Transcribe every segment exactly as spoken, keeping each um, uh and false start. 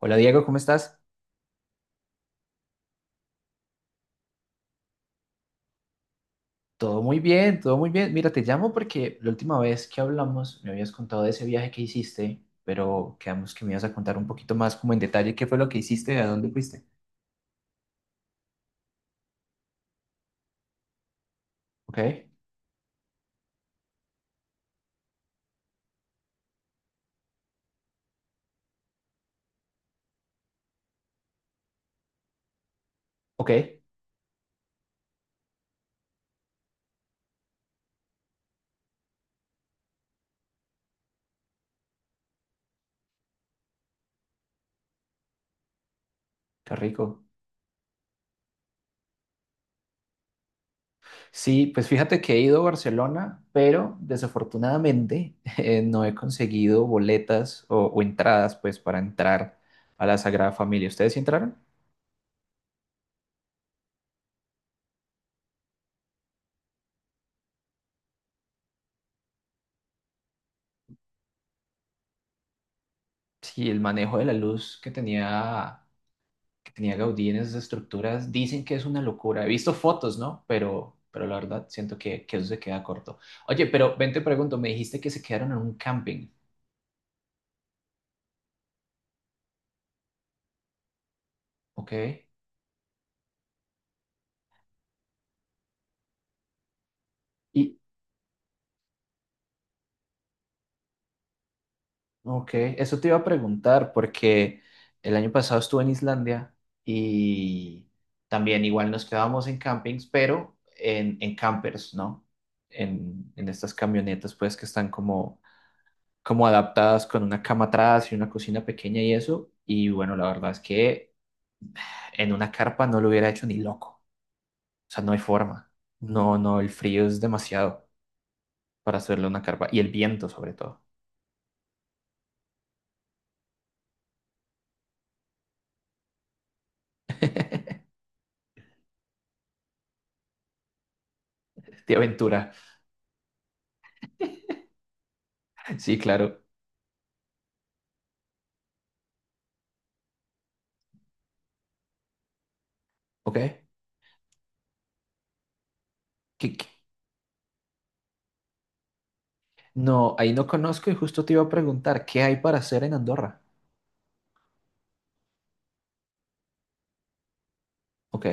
Hola Diego, ¿cómo estás? Todo muy bien, todo muy bien. Mira, te llamo porque la última vez que hablamos me habías contado de ese viaje que hiciste, pero quedamos que me ibas a contar un poquito más como en detalle qué fue lo que hiciste, a dónde fuiste. Ok, ok, qué rico. Sí, pues fíjate que he ido a Barcelona, pero desafortunadamente eh, no he conseguido boletas o, o entradas pues para entrar a la Sagrada Familia. ¿Ustedes sí entraron? Sí, el manejo de la luz que tenía que tenía Gaudí en esas estructuras, dicen que es una locura. He visto fotos, ¿no? Pero, pero la verdad siento que, que eso se queda corto. Oye, pero ven, te pregunto, me dijiste que se quedaron en un camping. ¿Ok? Y, ok, eso te iba a preguntar porque el año pasado estuve en Islandia y también igual nos quedábamos en campings, pero en, en campers, ¿no? En, en estas camionetas, pues, que están como como adaptadas con una cama atrás y una cocina pequeña y eso. Y bueno, la verdad es que en una carpa no lo hubiera hecho ni loco. O sea, no hay forma. No, no, el frío es demasiado para hacerle una carpa. Y el viento, sobre todo. De aventura. Sí, claro. Ok. ¿Qué- qué? No, ahí no conozco y justo te iba a preguntar, ¿qué hay para hacer en Andorra? Ok,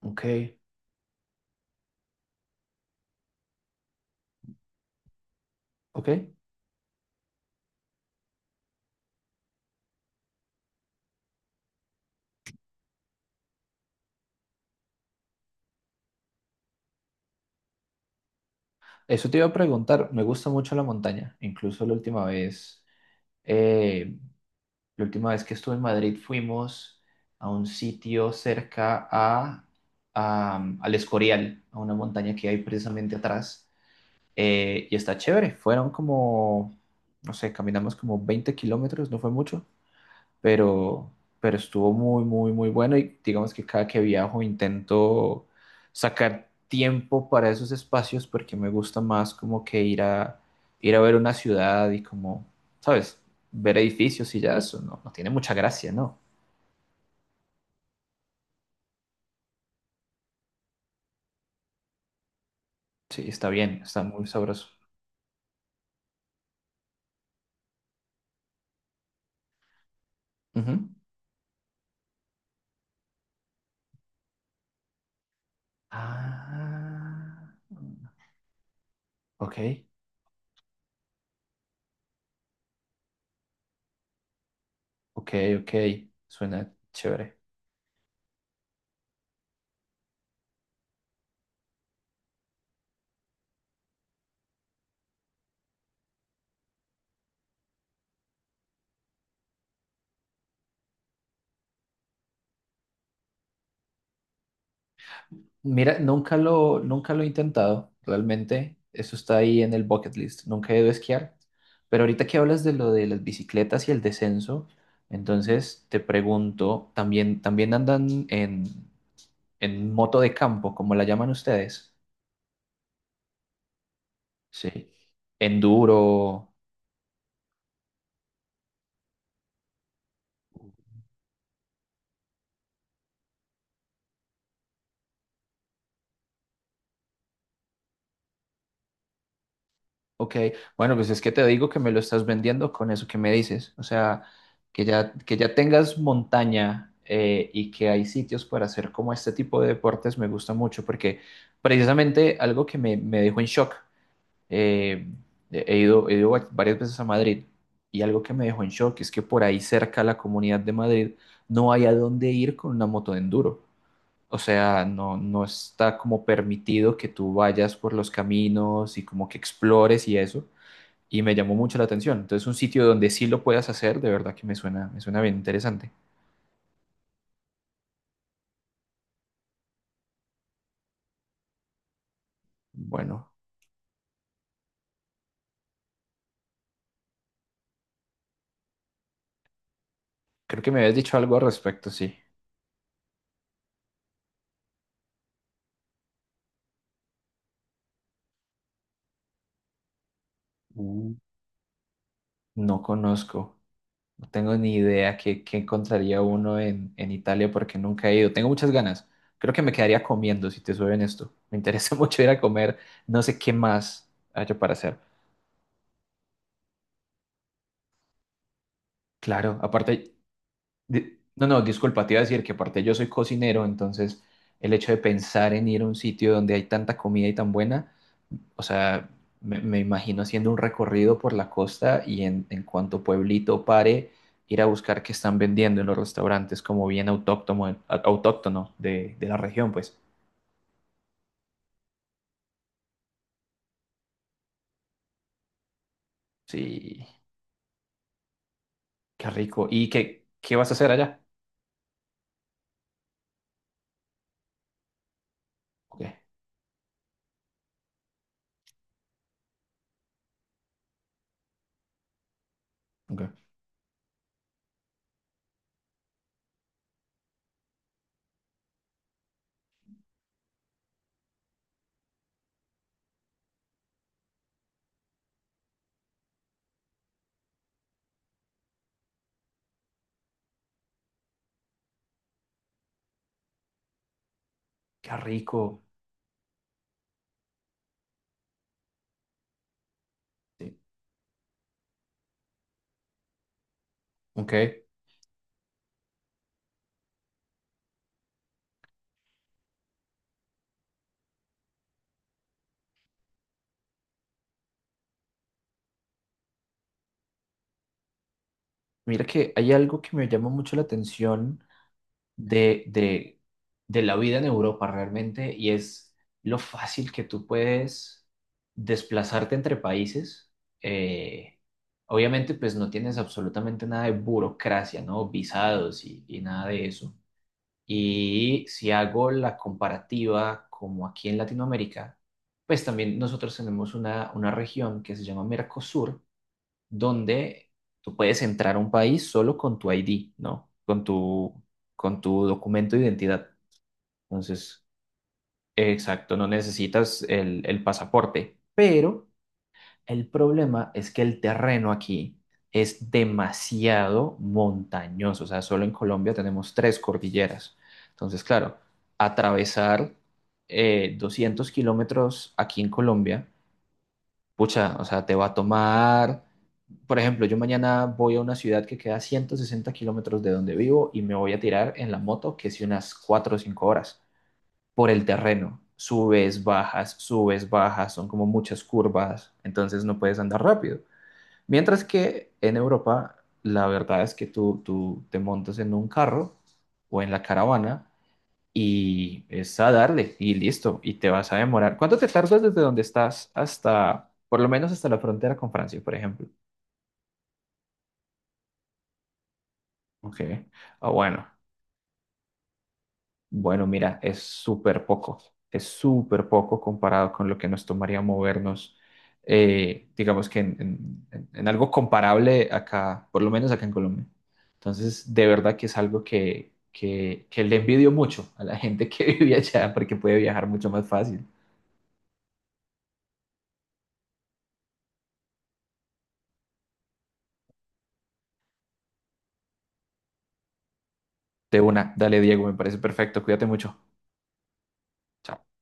ok, ok. Eso te iba a preguntar. Me gusta mucho la montaña. Incluso la última vez, eh, la última vez que estuve en Madrid fuimos a un sitio cerca a, a- al Escorial, a una montaña que hay precisamente atrás. Eh, y está chévere. Fueron como, no sé, caminamos como veinte kilómetros, no fue mucho pero, pero estuvo muy, muy, muy bueno y digamos que cada que viajo intento sacar tiempo para esos espacios porque me gusta más como que ir a, ir a ver una ciudad y como, ¿sabes? Ver edificios y ya eso, no, no tiene mucha gracia, ¿no? Sí, está bien, está muy sabroso. Ujú. Ah, ok, ok, ok, suena chévere. Mira, nunca lo, nunca lo he intentado, realmente. Eso está ahí en el bucket list. Nunca he ido a esquiar. Pero ahorita que hablas de lo de las bicicletas y el descenso, entonces te pregunto, ¿también, también andan en, en moto de campo, como la llaman ustedes? Sí. Enduro, ok, bueno, pues es que te digo que me lo estás vendiendo con eso que me dices. O sea, que ya, que ya tengas montaña eh, y que hay sitios para hacer como este tipo de deportes me gusta mucho porque precisamente algo que me, me dejó en shock, eh, he ido, he ido va- varias veces a Madrid y algo que me dejó en shock es que por ahí cerca a la Comunidad de Madrid no hay a dónde ir con una moto de enduro. O sea, no, no está como permitido que tú vayas por los caminos y como que explores y eso y me llamó mucho la atención. Entonces, un sitio donde sí lo puedas hacer, de verdad que me suena, me suena bien interesante. Bueno, creo que me habías dicho algo al respecto, sí. Mm. No conozco, no tengo ni idea qué, qué encontraría uno en, en Italia porque nunca he ido. Tengo muchas ganas. Creo que me quedaría comiendo, si te soy esto. Me interesa mucho ir a comer. No sé qué más haya para hacer. Claro, aparte, di- no, no, disculpa, te iba a decir que aparte yo soy cocinero, entonces el hecho de pensar en ir a un sitio donde hay tanta comida y tan buena o sea, me, me imagino haciendo un recorrido por la costa y en, en cuanto pueblito pare, ir a buscar qué están vendiendo en los restaurantes como bien autóctono, autóctono de, de la región, pues. Sí, qué rico. ¿Y qué, qué vas a hacer allá? Ok, ok. Qué rico. Sí. Ok. Mira que hay algo que me llama mucho la atención de, de, de la vida en Europa realmente y es lo fácil que tú puedes desplazarte entre países. Eh, obviamente, pues no tienes absolutamente nada de burocracia, ¿no? Visados y, y nada de eso. Y si hago la comparativa como aquí en Latinoamérica, pues también nosotros tenemos una, una región que se llama Mercosur donde tú puedes entrar a un país solo con tu I D, ¿no? Con tu, con tu documento de identidad. Entonces, exacto, no necesitas el, el pasaporte. Pero el problema es que el terreno aquí es demasiado montañoso. O sea, solo en Colombia tenemos tres cordilleras. Entonces, claro, atravesar eh, doscientos kilómetros aquí en Colombia, pucha, o sea, te va a tomar por ejemplo, yo mañana voy a una ciudad que queda ciento sesenta kilómetros de donde vivo y me voy a tirar en la moto, que es unas cuatro o cinco horas, por el terreno. Subes, bajas, subes, bajas, son como muchas curvas, entonces no puedes andar rápido. Mientras que en Europa, la verdad es que tú, tú te montas en un carro o en la caravana y es a darle y listo, y te vas a demorar. ¿Cuánto te tardas desde donde estás hasta, por lo menos hasta la frontera con Francia, por ejemplo? Ok, ah, bueno. Bueno, mira, es súper poco, es súper poco comparado con lo que nos tomaría movernos, eh, digamos que en, en- en en algo comparable acá, por lo menos acá en Colombia. Entonces, de verdad que es algo que, que, que le envidio mucho a la gente que vive allá porque puede viajar mucho más fácil. De una, dale Diego, me parece perfecto, cuídate mucho. Chao.